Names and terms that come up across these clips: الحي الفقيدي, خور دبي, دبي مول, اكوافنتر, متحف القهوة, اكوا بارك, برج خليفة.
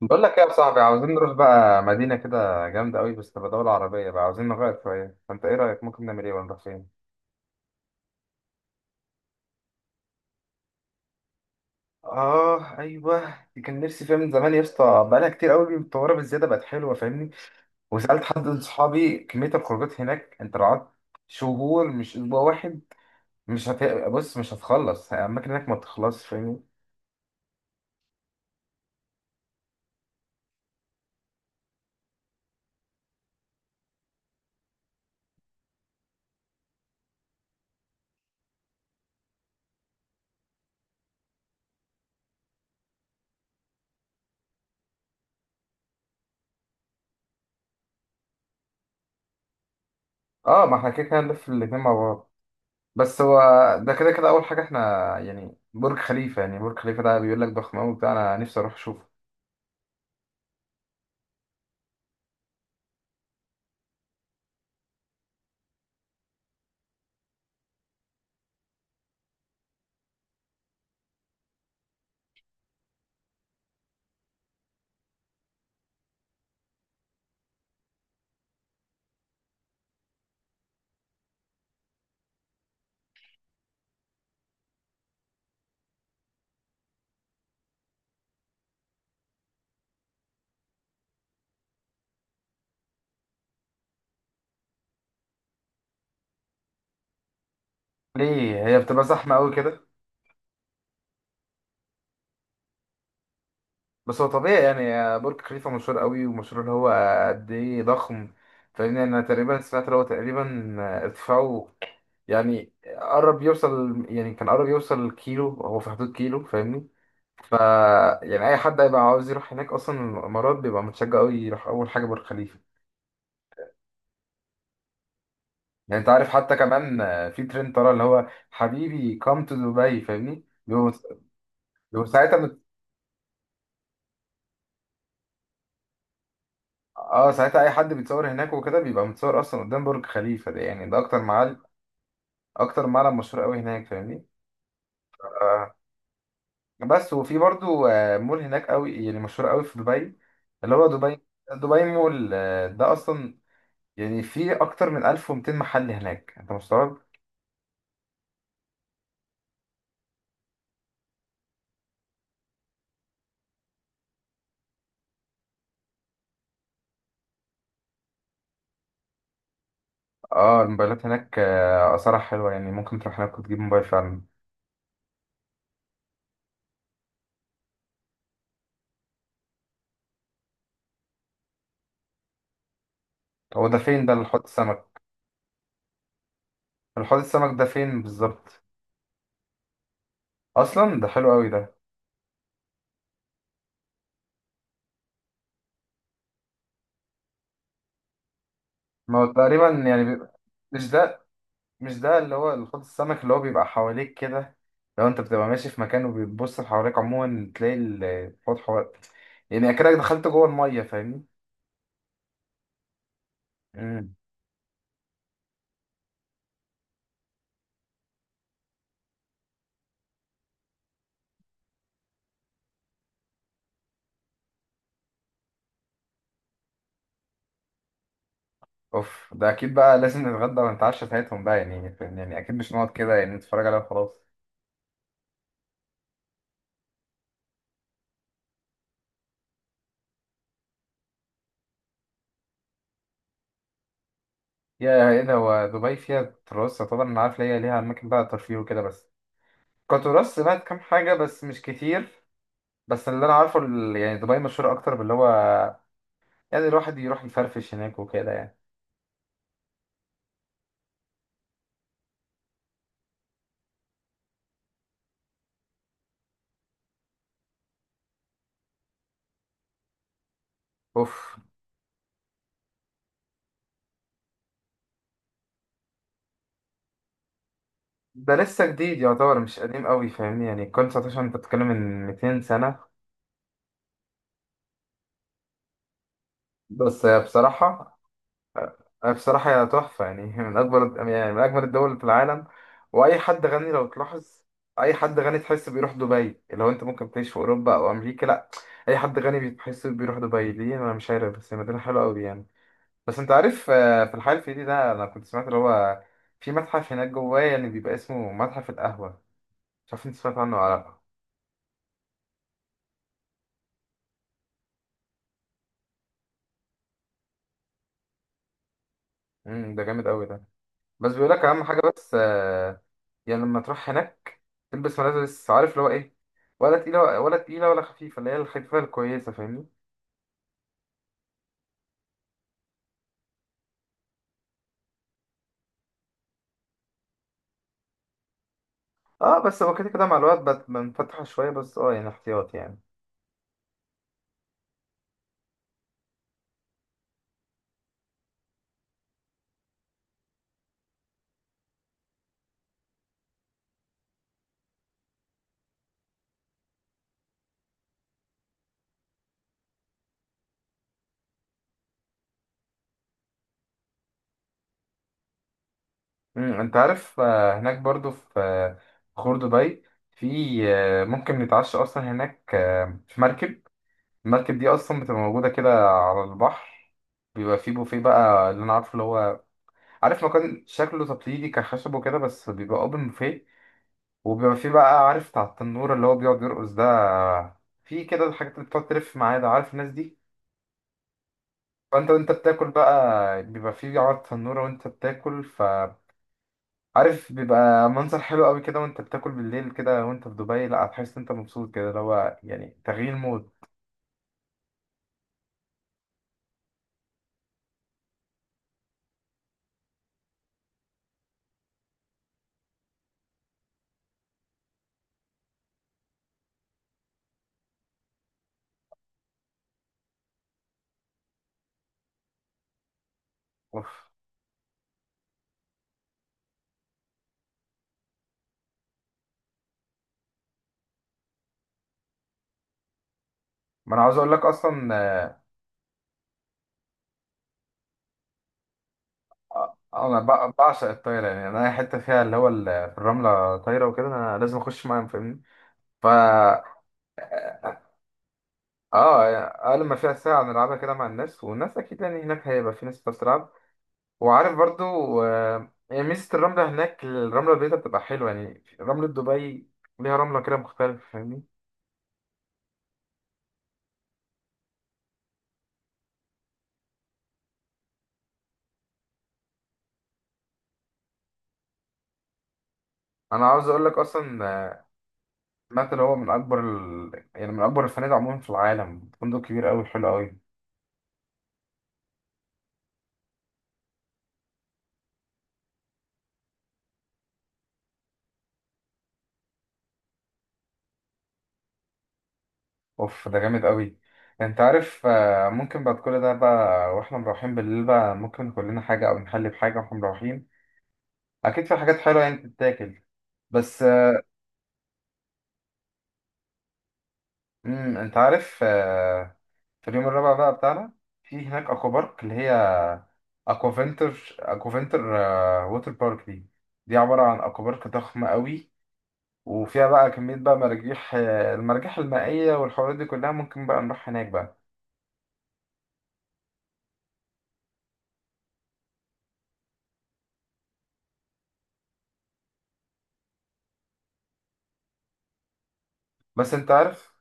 بقول لك ايه يا صاحبي؟ عاوزين نروح بقى مدينة كده جامدة قوي بس تبقى دولة عربية بقى، عاوزين نغير شوية. فانت ايه رأيك، ممكن نعمل ايه ونروح فين؟ اه ايوه، دي كان نفسي فيها من زمان يا اسطى. بقالها كتير قوي متطورة بالزيادة، بقت حلوة فاهمني. وسألت حد من صحابي كمية الخروجات هناك، انت لو قعدت شهور مش اسبوع واحد، مش هت... بص مش هتخلص الاماكن هناك، ما بتخلصش فاهمني. اه ما احنا كده كده هنلف الاتنين مع بعض. بس هو ده كده كده اول حاجة احنا، يعني برج خليفة ده بيقول لك ضخم قوي بتاع، انا نفسي اروح اشوفه. ليه هي بتبقى زحمة قوي كده؟ بس هو طبيعي يعني، برج خليفة مشهور قوي، ومشهور اللي هو قد ايه ضخم. فاهمني، انا تقريبا سمعت اللي هو تقريبا ارتفاعه، يعني قرب يوصل يعني كان قرب يوصل كيلو، هو في حدود كيلو فاهمني. ف يعني اي حد هيبقى عاوز يروح هناك، اصلا الامارات بيبقى متشجع قوي يروح اول حاجة برج خليفة. يعني انت عارف، حتى كمان في ترند طالع اللي هو حبيبي come to دبي فاهمني، بيبقوا ساعتها. اه ساعتها اي حد بيتصور هناك وكده، بيبقى متصور اصلا قدام برج خليفه ده. يعني ده اكتر معلم، اكتر معلم مشهور قوي هناك فاهمني. آه بس وفي برضو آه، مول هناك قوي يعني مشهور قوي في دبي، اللي هو دبي دبي مول. آه ده اصلا يعني فيه اكتر من 1200 محل هناك، انت مستوعب؟ اه الموبايلات هناك آه، اسعارها حلوه يعني، ممكن تروح هناك وتجيب موبايل فعلا. هو ده فين ده الحوض السمك؟ الحوض السمك ده فين بالظبط؟ اصلا ده حلو قوي ده. ما هو تقريبا يعني بيبقى- مش ده، مش ده اللي هو الحوض السمك اللي هو بيبقى حواليك كده، لو انت بتبقى ماشي في مكان وبتبص حواليك عموما تلاقي الحوض حواليك، يعني اكنك دخلت جوه الميه فاهمني. امم اوف، ده اكيد بقى لازم نتغدى ونتعشى ساعتهم بقى يعني، فاهم؟ يعني اكيد مش نقعد كده يعني نتفرج عليها وخلاص. يا ايه ده، هو دبي فيها تراث؟ طبعا انا عارف ليها، ليها اماكن بقى ترفيه وكده بس. كتراث سمعت كام حاجه بس مش كتير. بس اللي انا عارفه يعني دبي مشهوره اكتر باللي هو يعني الواحد يروح يفرفش هناك وكده يعني. اوف، ده لسه جديد يعتبر، مش قديم قوي فاهمني. يعني الكون 19، انت بتتكلم من 200 سنة. بس هي بصراحة هي تحفة يعني. من أكبر، يعني من أجمل الدول في العالم. وأي حد غني لو تلاحظ، أي حد غني تحس بيروح دبي. لو أنت ممكن تعيش في أوروبا أو أمريكا، لأ، أي حد غني بتحس بيروح دبي. ليه؟ أنا مش عارف، بس هي مدينة حلوة أوي يعني. بس أنت عارف آه، في الحي الفقيدي ده أنا كنت سمعت اللي هو في متحف هناك جواه، يعني بيبقى اسمه متحف القهوة. مش عارف أنت سمعت عنه ولا لأ؟ مم، ده جامد أوي ده. بس بيقول لك اهم حاجه بس آه، يعني لما تروح هناك تلبس ملابس، عارف اللي هو ايه، ولا تقيله ولا خفيفه، اللي هي الخفيفه الكويسه فاهمني. اه بس هو كده كده مع الوقت بنفتح شويه، بس اه يعني احتياط يعني. انت عارف آه، هناك برضو في آه، خور دبي، في آه، ممكن نتعشى اصلا هناك آه، في مركب. المركب دي اصلا بتبقى موجوده كده على البحر، بيبقى فيه بوفيه بقى اللي انا عارفه، اللي هو عارف مكان شكله تقليدي كخشب وكده، بس بيبقى اوبن بوفيه. وبيبقى في بقى عارف بتاع التنورة اللي هو بيقعد يرقص ده، في كده الحاجات اللي بتقعد تلف معايا ده، عارف الناس دي. فانت وانت بتاكل بقى بيبقى في عرض تنورة وانت بتاكل، فعارف بيبقى منظر حلو قوي كده وانت بتاكل بالليل كده وانت في دبي، لا هتحس إن انت مبسوط كده، اللي هو يعني تغيير مود. اوف، ما انا عاوز اقول لك اصلا آه، انا بعشق الطايره يعني. انا اي حته فيها اللي هو الرمله طايره وكده، انا لازم اخش معاهم فاهمني. اه اقل ما فيها ساعه نلعبها كده مع الناس، والناس اكيد يعني هناك هيبقى في ناس بتلعب. وعارف برضو آه، يعني ميزه الرمله هناك الرمله البيضاء بتبقى حلوه، يعني رمله دبي ليها رمله كده مختلفه فاهمني. انا عاوز اقول لك اصلا آه، سمعت اللي هو من اكبر يعني من اكبر الفنادق عموما في العالم، فندق كبير قوي حلو قوي. اوف، ده جامد قوي. انت عارف آه، ممكن بعد كل ده بقى واحنا مروحين بالليل بقى، ممكن ناكل لنا حاجه او نحلي بحاجه واحنا مروحين. اكيد في حاجات حلوه يعني تتاكل. بس انت عارف آه، في اليوم الرابع بقى بتاعنا، في هناك اكوا بارك اللي هي اكوافنتر، آه، ووتر بارك دي، دي عبارة عن اكوا بارك ضخمة قوي. وفيها بقى كمية بقى مراجيح آه، المراجيح المائية والحوارات دي كلها، ممكن بقى نروح هناك بقى. بس انت عارف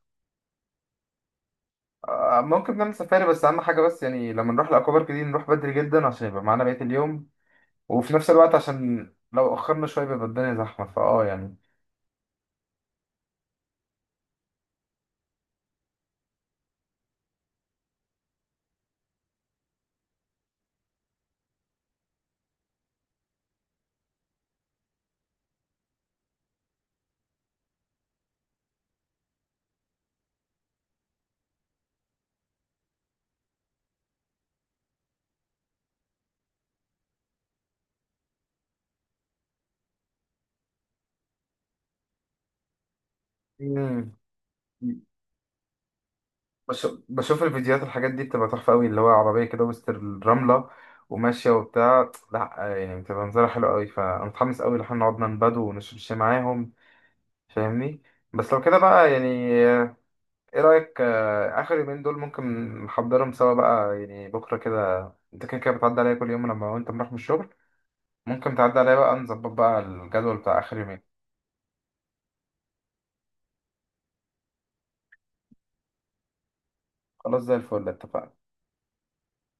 آه، ممكن نعمل سفاري، بس اهم حاجة بس يعني لما نروح الاكوا بارك دي نروح بدري جدا عشان يبقى معانا بقية اليوم، وفي نفس الوقت عشان لو اخرنا شوية بيبقى الدنيا زحمة فاه يعني. مم. بشوف الفيديوهات، الحاجات دي بتبقى تحفة قوي اللي هو عربية كده وسط الرملة وماشية وبتاع، لا يعني بتبقى منظرها حلو قوي. فأنا متحمس قوي إن احنا نقعد ننبدو ونشرب شاي معاهم فاهمني. بس لو كده بقى يعني، ايه رأيك آه، آخر يومين دول ممكن نحضرهم سوا بقى يعني بكرة كده. انت كده كده بتعدي عليا كل يوم لما وانت بنروح من الشغل، ممكن تعدي عليا بقى نظبط بقى الجدول بتاع آخر يومين. خلاص زي الفل، اتفقنا.